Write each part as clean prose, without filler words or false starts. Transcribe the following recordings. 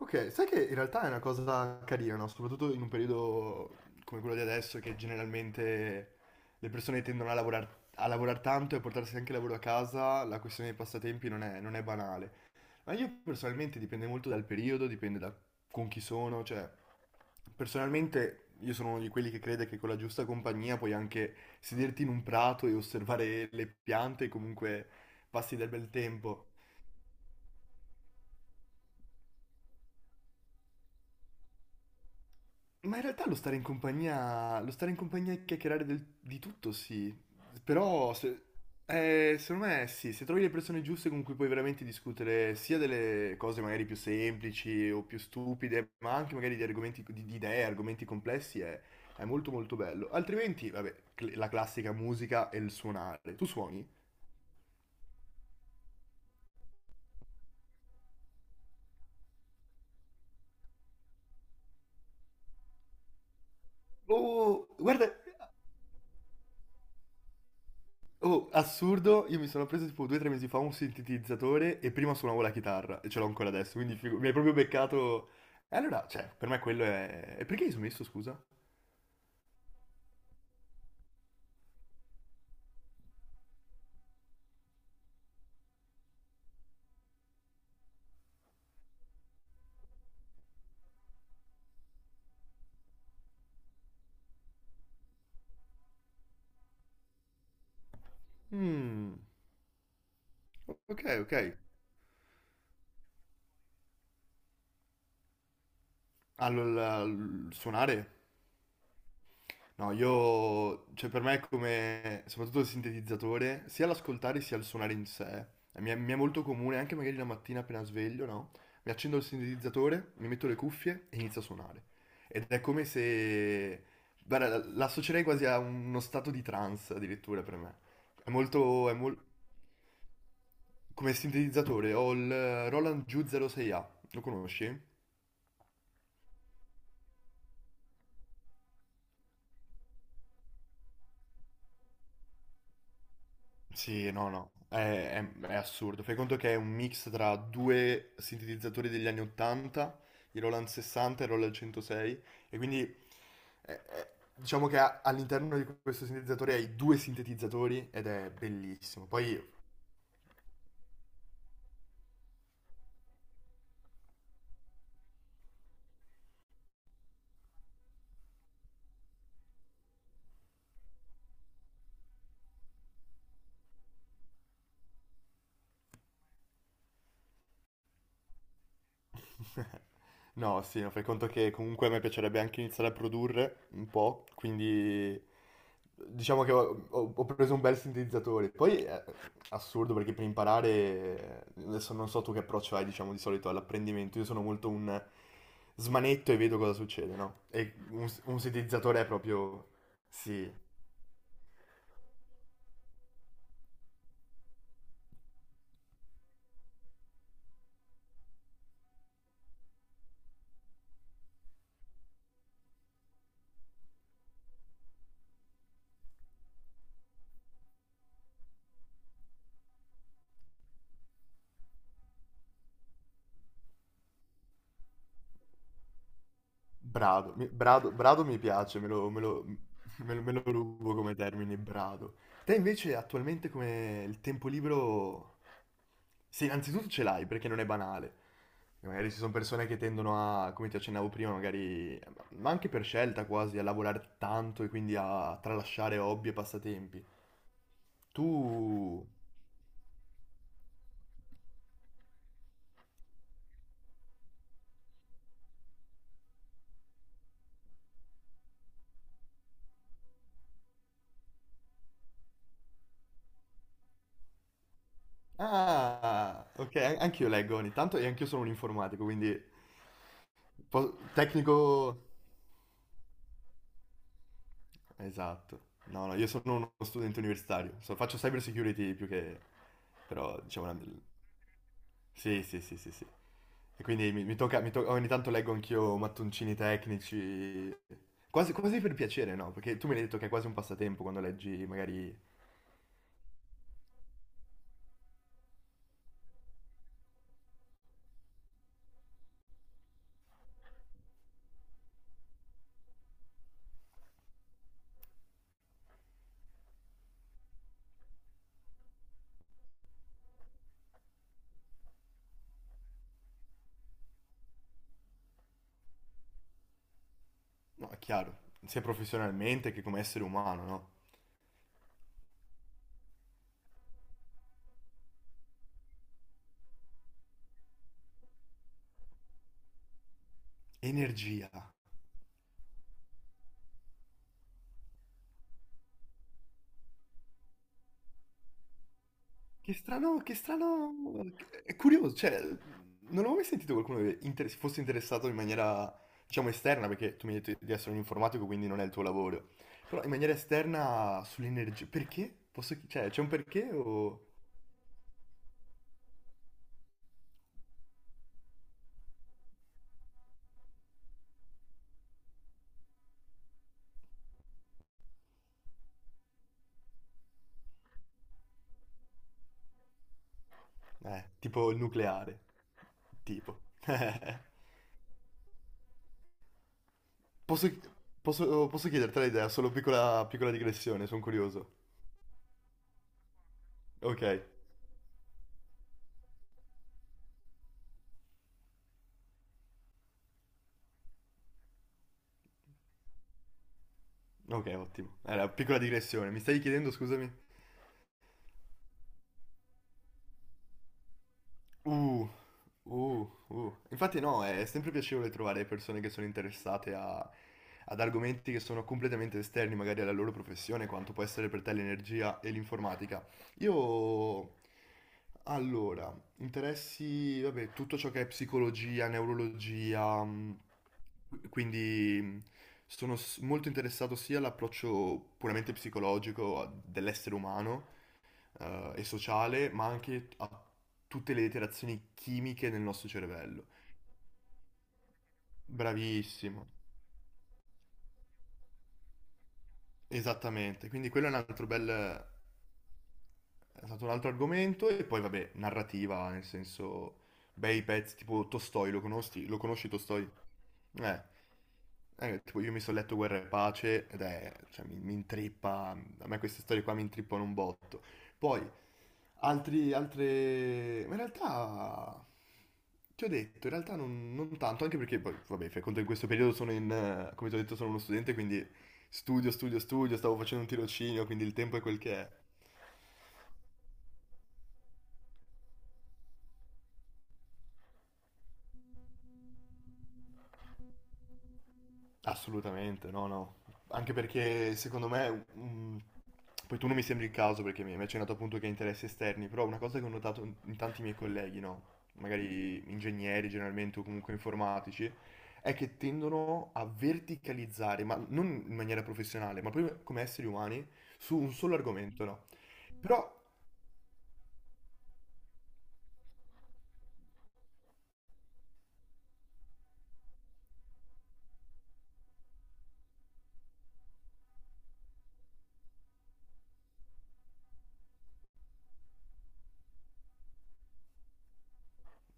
Ok, sai che in realtà è una cosa carina, no? Soprattutto in un periodo come quello di adesso, che generalmente le persone tendono a lavorar tanto e a portarsi anche il lavoro a casa, la questione dei passatempi non è banale. Ma io personalmente dipende molto dal periodo, dipende da con chi sono, cioè personalmente io sono uno di quelli che crede che con la giusta compagnia puoi anche sederti in un prato e osservare le piante e comunque passi del bel tempo. Ma in realtà lo stare in compagnia e chiacchierare di tutto, sì. Però, se, secondo me, sì, se trovi le persone giuste con cui puoi veramente discutere sia delle cose magari più semplici o più stupide, ma anche magari di argomenti, di idee, argomenti complessi, è molto molto bello. Altrimenti, vabbè, la classica musica e il suonare. Tu suoni? Oh, guarda. Oh, assurdo, io mi sono preso tipo 2 o 3 mesi fa un sintetizzatore e prima suonavo la chitarra e ce l'ho ancora adesso, quindi mi hai proprio beccato... E allora, cioè, per me quello è... E perché hai smesso, scusa? Mmm, ok, ok. Allora, suonare? No, io, cioè per me è come, soprattutto il sintetizzatore, sia l'ascoltare sia il suonare in sé, mi è molto comune, anche magari la mattina appena sveglio, no? Mi accendo il sintetizzatore, mi metto le cuffie e inizio a suonare. Ed è come se, guarda, l'associerei quasi a uno stato di trance addirittura per me. È molto, è mol- Come sintetizzatore ho il Roland Giu 06A, lo conosci? Sì, no, no, è assurdo. Fai conto che è un mix tra due sintetizzatori degli anni 80, i Roland 60 e i Roland 106, e quindi diciamo che all'interno di questo sintetizzatore hai due sintetizzatori ed è bellissimo. Poi no, sì, no, fai conto che comunque a me piacerebbe anche iniziare a produrre un po', quindi diciamo che ho preso un bel sintetizzatore. Poi è assurdo perché per imparare, adesso non so tu che approccio hai, diciamo, di solito all'apprendimento, io sono molto un smanetto e vedo cosa succede, no? E un sintetizzatore è proprio... Sì, brado, brado, brado mi piace, me lo rubo come termine, brado. Te invece attualmente come il tempo libero... Sì, innanzitutto ce l'hai perché non è banale. E magari ci sono persone che tendono a, come ti accennavo prima, magari, ma anche per scelta quasi, a lavorare tanto e quindi a tralasciare hobby e passatempi. Tu... Ah, ok, anch'io leggo ogni tanto e anch'io sono un informatico, quindi tecnico. Esatto. No, no, io sono uno studente universitario, faccio cyber security più che... però diciamo... Sì, sì, sì, sì, sì. E quindi mi tocca, ogni tanto leggo anch'io mattoncini tecnici, quasi, quasi per piacere, no? Perché tu mi hai detto che è quasi un passatempo quando leggi, magari... No, è chiaro, sia professionalmente che come essere umano, no? Energia. Che strano, è curioso, cioè, non avevo mai sentito qualcuno che fosse interessato in maniera, diciamo, esterna, perché tu mi hai detto di essere un informatico, quindi non è il tuo lavoro, però in maniera esterna sull'energia, perché? Posso, cioè, c'è un perché o... tipo il nucleare, tipo. Posso, posso chiederti l'idea, solo piccola, piccola digressione, sono curioso. Ok, ok, ottimo. Era piccola digressione, mi stavi chiedendo, scusami? Uh, Infatti no, è sempre piacevole trovare persone che sono interessate ad argomenti che sono completamente esterni magari alla loro professione, quanto può essere per te l'energia e l'informatica. Io, allora, interessi, vabbè, tutto ciò che è psicologia, neurologia, quindi sono molto interessato sia all'approccio puramente psicologico dell'essere umano, e sociale, ma anche a tutte le interazioni chimiche nel nostro cervello. Bravissimo, esattamente. Quindi quello è un altro bel, è stato un altro argomento e poi vabbè, narrativa, nel senso, bei pezzi tipo Tolstoi, lo conosci Tolstoi? Eh, tipo io mi sono letto Guerra e Pace ed è, cioè, mi intrippa, a me queste storie qua mi intrippano un botto. Poi, altri, altre, ma in realtà, ti ho detto, in realtà non tanto, anche perché poi, vabbè, fai conto in questo periodo sono in, come ti ho detto, sono uno studente, quindi studio, studio, studio, stavo facendo un tirocinio, quindi il tempo è quel che è. Assolutamente, no, no. Anche perché secondo me, poi tu non mi sembri il caso perché mi hai accennato appunto che hai interessi esterni, però una cosa che ho notato in tanti miei colleghi, no? Magari ingegneri generalmente o comunque informatici, è che tendono a verticalizzare, ma non in maniera professionale, ma proprio come esseri umani, su un solo argomento, no? Però,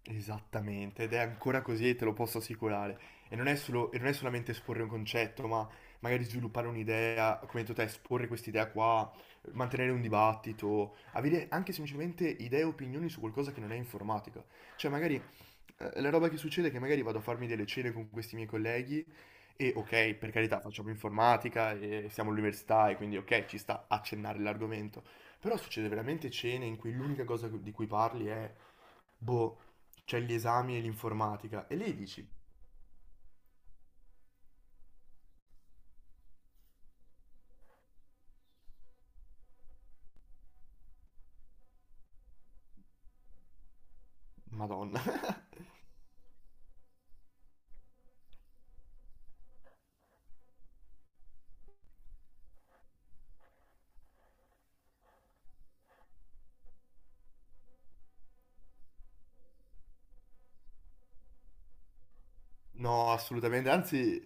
esattamente, ed è ancora così e te lo posso assicurare. E non è solo, e non è solamente esporre un concetto, ma magari sviluppare un'idea, come hai detto te, esporre quest'idea qua, mantenere un dibattito, avere anche semplicemente idee e opinioni su qualcosa che non è informatica. Cioè, magari la roba che succede è che magari vado a farmi delle cene con questi miei colleghi e ok, per carità, facciamo informatica e siamo all'università e quindi ok, ci sta accennare l'argomento. Però succede veramente cene in cui l'unica cosa di cui parli è boh, c'è gli esami e l'informatica. E lei dici, Madonna. No, assolutamente, anzi,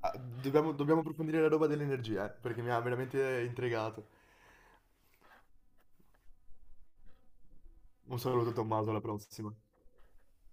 ah, dobbiamo approfondire la roba dell'energia, perché mi ha veramente intrigato. Un saluto Tommaso, alla prossima.